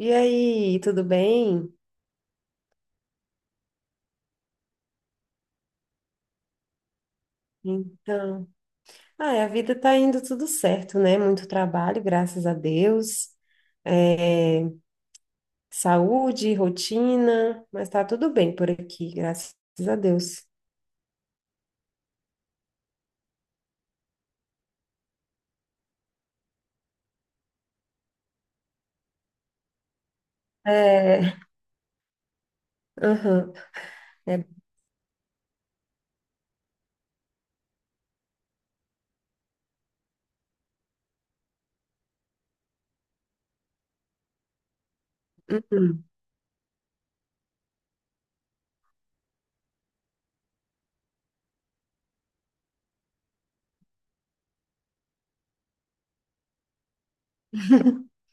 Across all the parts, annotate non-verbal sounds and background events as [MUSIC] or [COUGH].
E aí, tudo bem? Então, ah, a vida tá indo tudo certo, né? Muito trabalho, graças a Deus. É, saúde, rotina, mas tá tudo bem por aqui, graças a Deus. É, aham, é, uhum. [LAUGHS]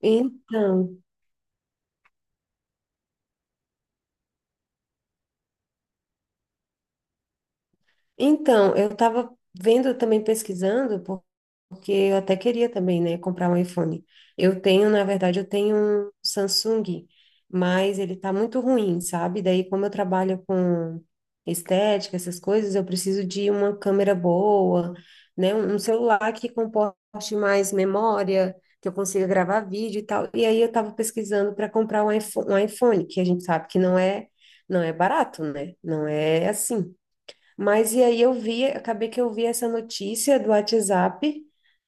Então, então, eu estava vendo também pesquisando, porque eu até queria também, né, comprar um iPhone. Eu tenho, na verdade, eu tenho um Samsung, mas ele tá muito ruim, sabe? Daí, como eu trabalho com estética, essas coisas, eu preciso de uma câmera boa, né, um celular que comporte mais memória, que eu consiga gravar vídeo e tal. E aí eu tava pesquisando para comprar um iPhone, que a gente sabe que não é barato, né? Não é assim. Mas e aí eu vi, acabei que eu vi essa notícia do WhatsApp.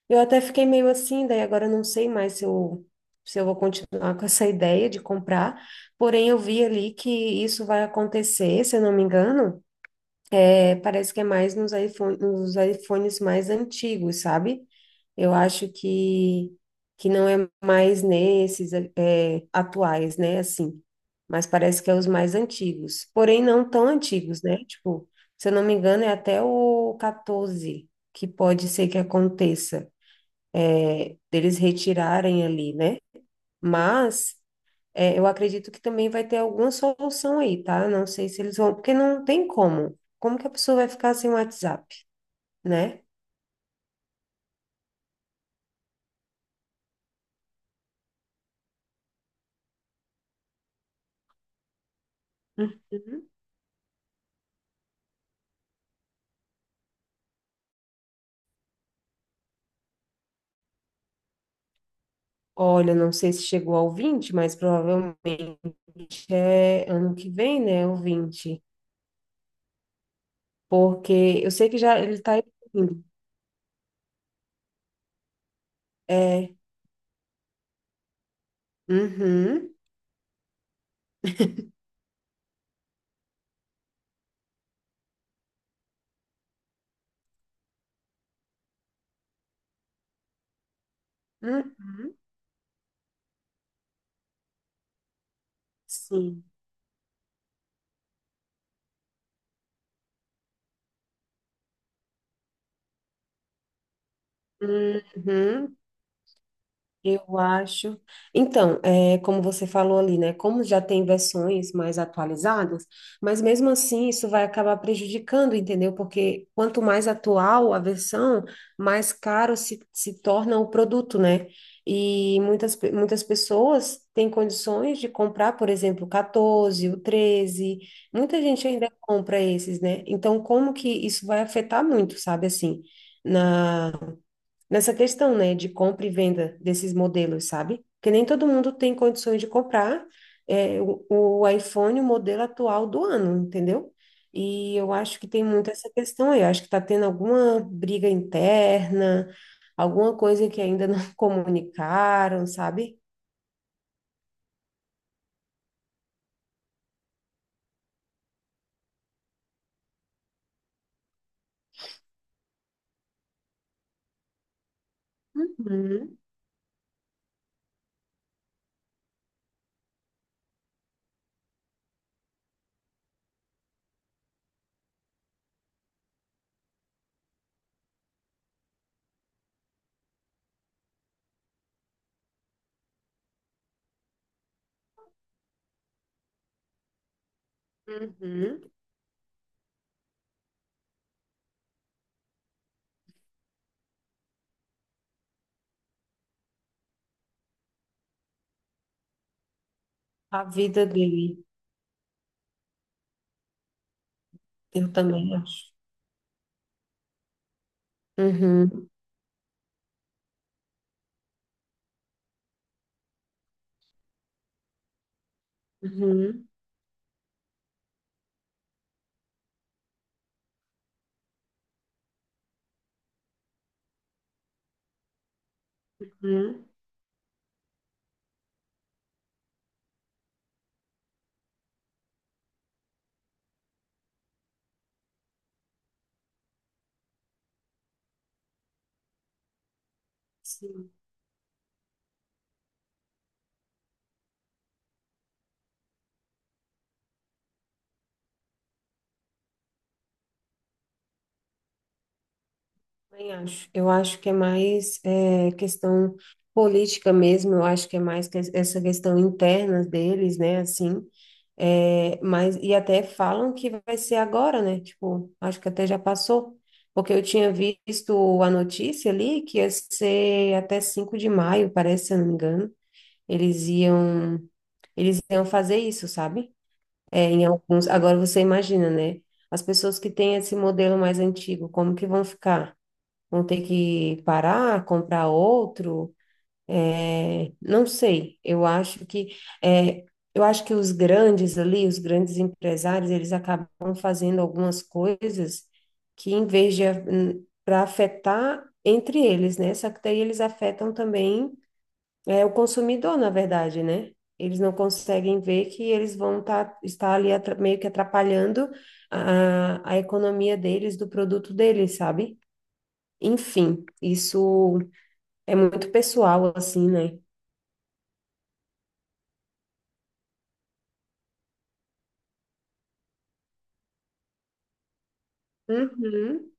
Eu até fiquei meio assim, daí agora eu não sei mais se eu vou continuar com essa [LAUGHS] ideia de comprar. Porém, eu vi ali que isso vai acontecer, se eu não me engano. É, parece que é mais nos iPhones mais antigos, sabe? Eu acho que não é mais nesses atuais, né? Assim, mas parece que é os mais antigos. Porém, não tão antigos, né? Tipo, se eu não me engano, é até o 14 que pode ser que aconteça, deles retirarem ali, né? Mas é, eu acredito que também vai ter alguma solução aí, tá? Eu não sei se eles vão, porque não tem como. Como que a pessoa vai ficar sem WhatsApp, né? Uhum. Olha, não sei se chegou ao 20, mas provavelmente é ano que vem, né? O 20, porque eu sei que já ele tá evoluindo. É. Uhum. Uhum. Sim. Uhum. Eu acho. Então, é, como você falou ali, né? Como já tem versões mais atualizadas, mas mesmo assim isso vai acabar prejudicando, entendeu? Porque quanto mais atual a versão, mais caro se torna o produto, né? E muitas pessoas têm condições de comprar, por exemplo, o 14, o 13. Muita gente ainda compra esses, né? Então, como que isso vai afetar muito, sabe assim? Nessa questão, né, de compra e venda desses modelos, sabe? Porque nem todo mundo tem condições de comprar o iPhone, o modelo atual do ano, entendeu? E eu acho que tem muito essa questão aí. Eu acho que está tendo alguma briga interna, alguma coisa que ainda não [LAUGHS] comunicaram, sabe? Uhum, uhum. A vida dele, eu também acho. Uhum, uhum, uhum. Sim. Também acho. Eu acho que é mais questão política mesmo, eu acho que é mais que essa questão interna deles, né, assim, é, mas, e até falam que vai ser agora, né, tipo, acho que até já passou, porque eu tinha visto a notícia ali que ia ser até 5 de maio, parece, se eu não me engano, eles iam, eles iam fazer isso, sabe? É, em alguns, agora você imagina, né, as pessoas que têm esse modelo mais antigo, como que vão ficar? Vão ter que parar, comprar outro, é, não sei. Eu acho que é, eu acho que os grandes ali, os grandes empresários, eles acabam fazendo algumas coisas que em vez de para afetar entre eles, né? Só que daí eles afetam também o consumidor, na verdade, né? Eles não conseguem ver que eles estar ali meio que atrapalhando a economia deles, do produto deles, sabe? Enfim, isso é muito pessoal, assim, né? Uhum,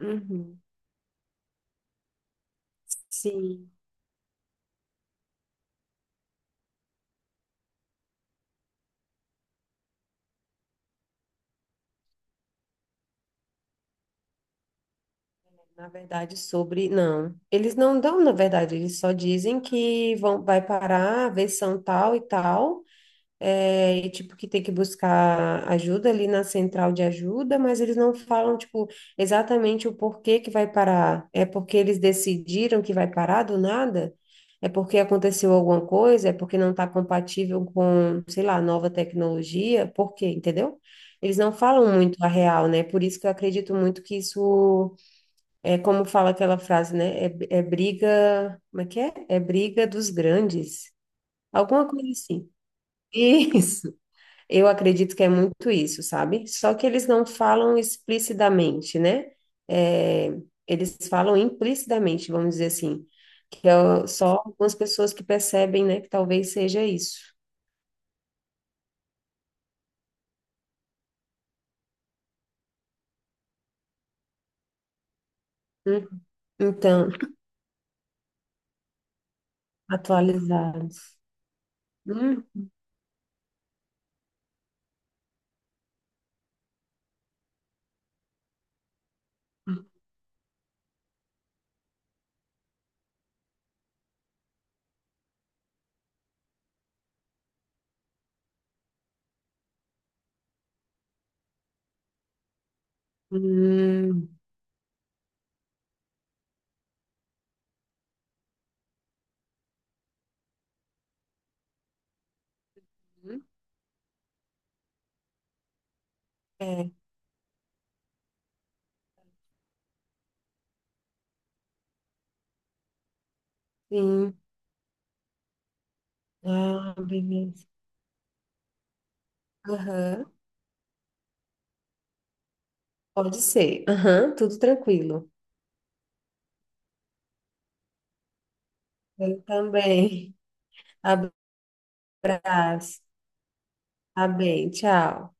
uhum. Sim, na verdade, sobre. Não, eles não dão, na verdade, eles só dizem que vão, vai parar a versão tal e tal. É, e, tipo, que tem que buscar ajuda ali na central de ajuda, mas eles não falam, tipo, exatamente o porquê que vai parar. É porque eles decidiram que vai parar do nada? É porque aconteceu alguma coisa? É porque não está compatível com, sei lá, nova tecnologia? Por quê? Entendeu? Eles não falam muito a real, né? Por isso que eu acredito muito que isso é como fala aquela frase, né? É, é briga, como é que é? É briga dos grandes. Alguma coisa assim. [LAUGHS] Isso. Eu acredito que é muito isso, sabe? Só que eles não falam explicitamente, né? É, eles falam implicitamente, vamos dizer assim, que é o- só algumas pessoas que percebem, né, que talvez seja isso. Hum. Então, atualizados. Hum, hum, hum, é, sim. Ah, beleza. Aham. Pode ser. Aham, tudo tranquilo. Eu também. [LAUGHS] Abraço. Tá bem, tchau.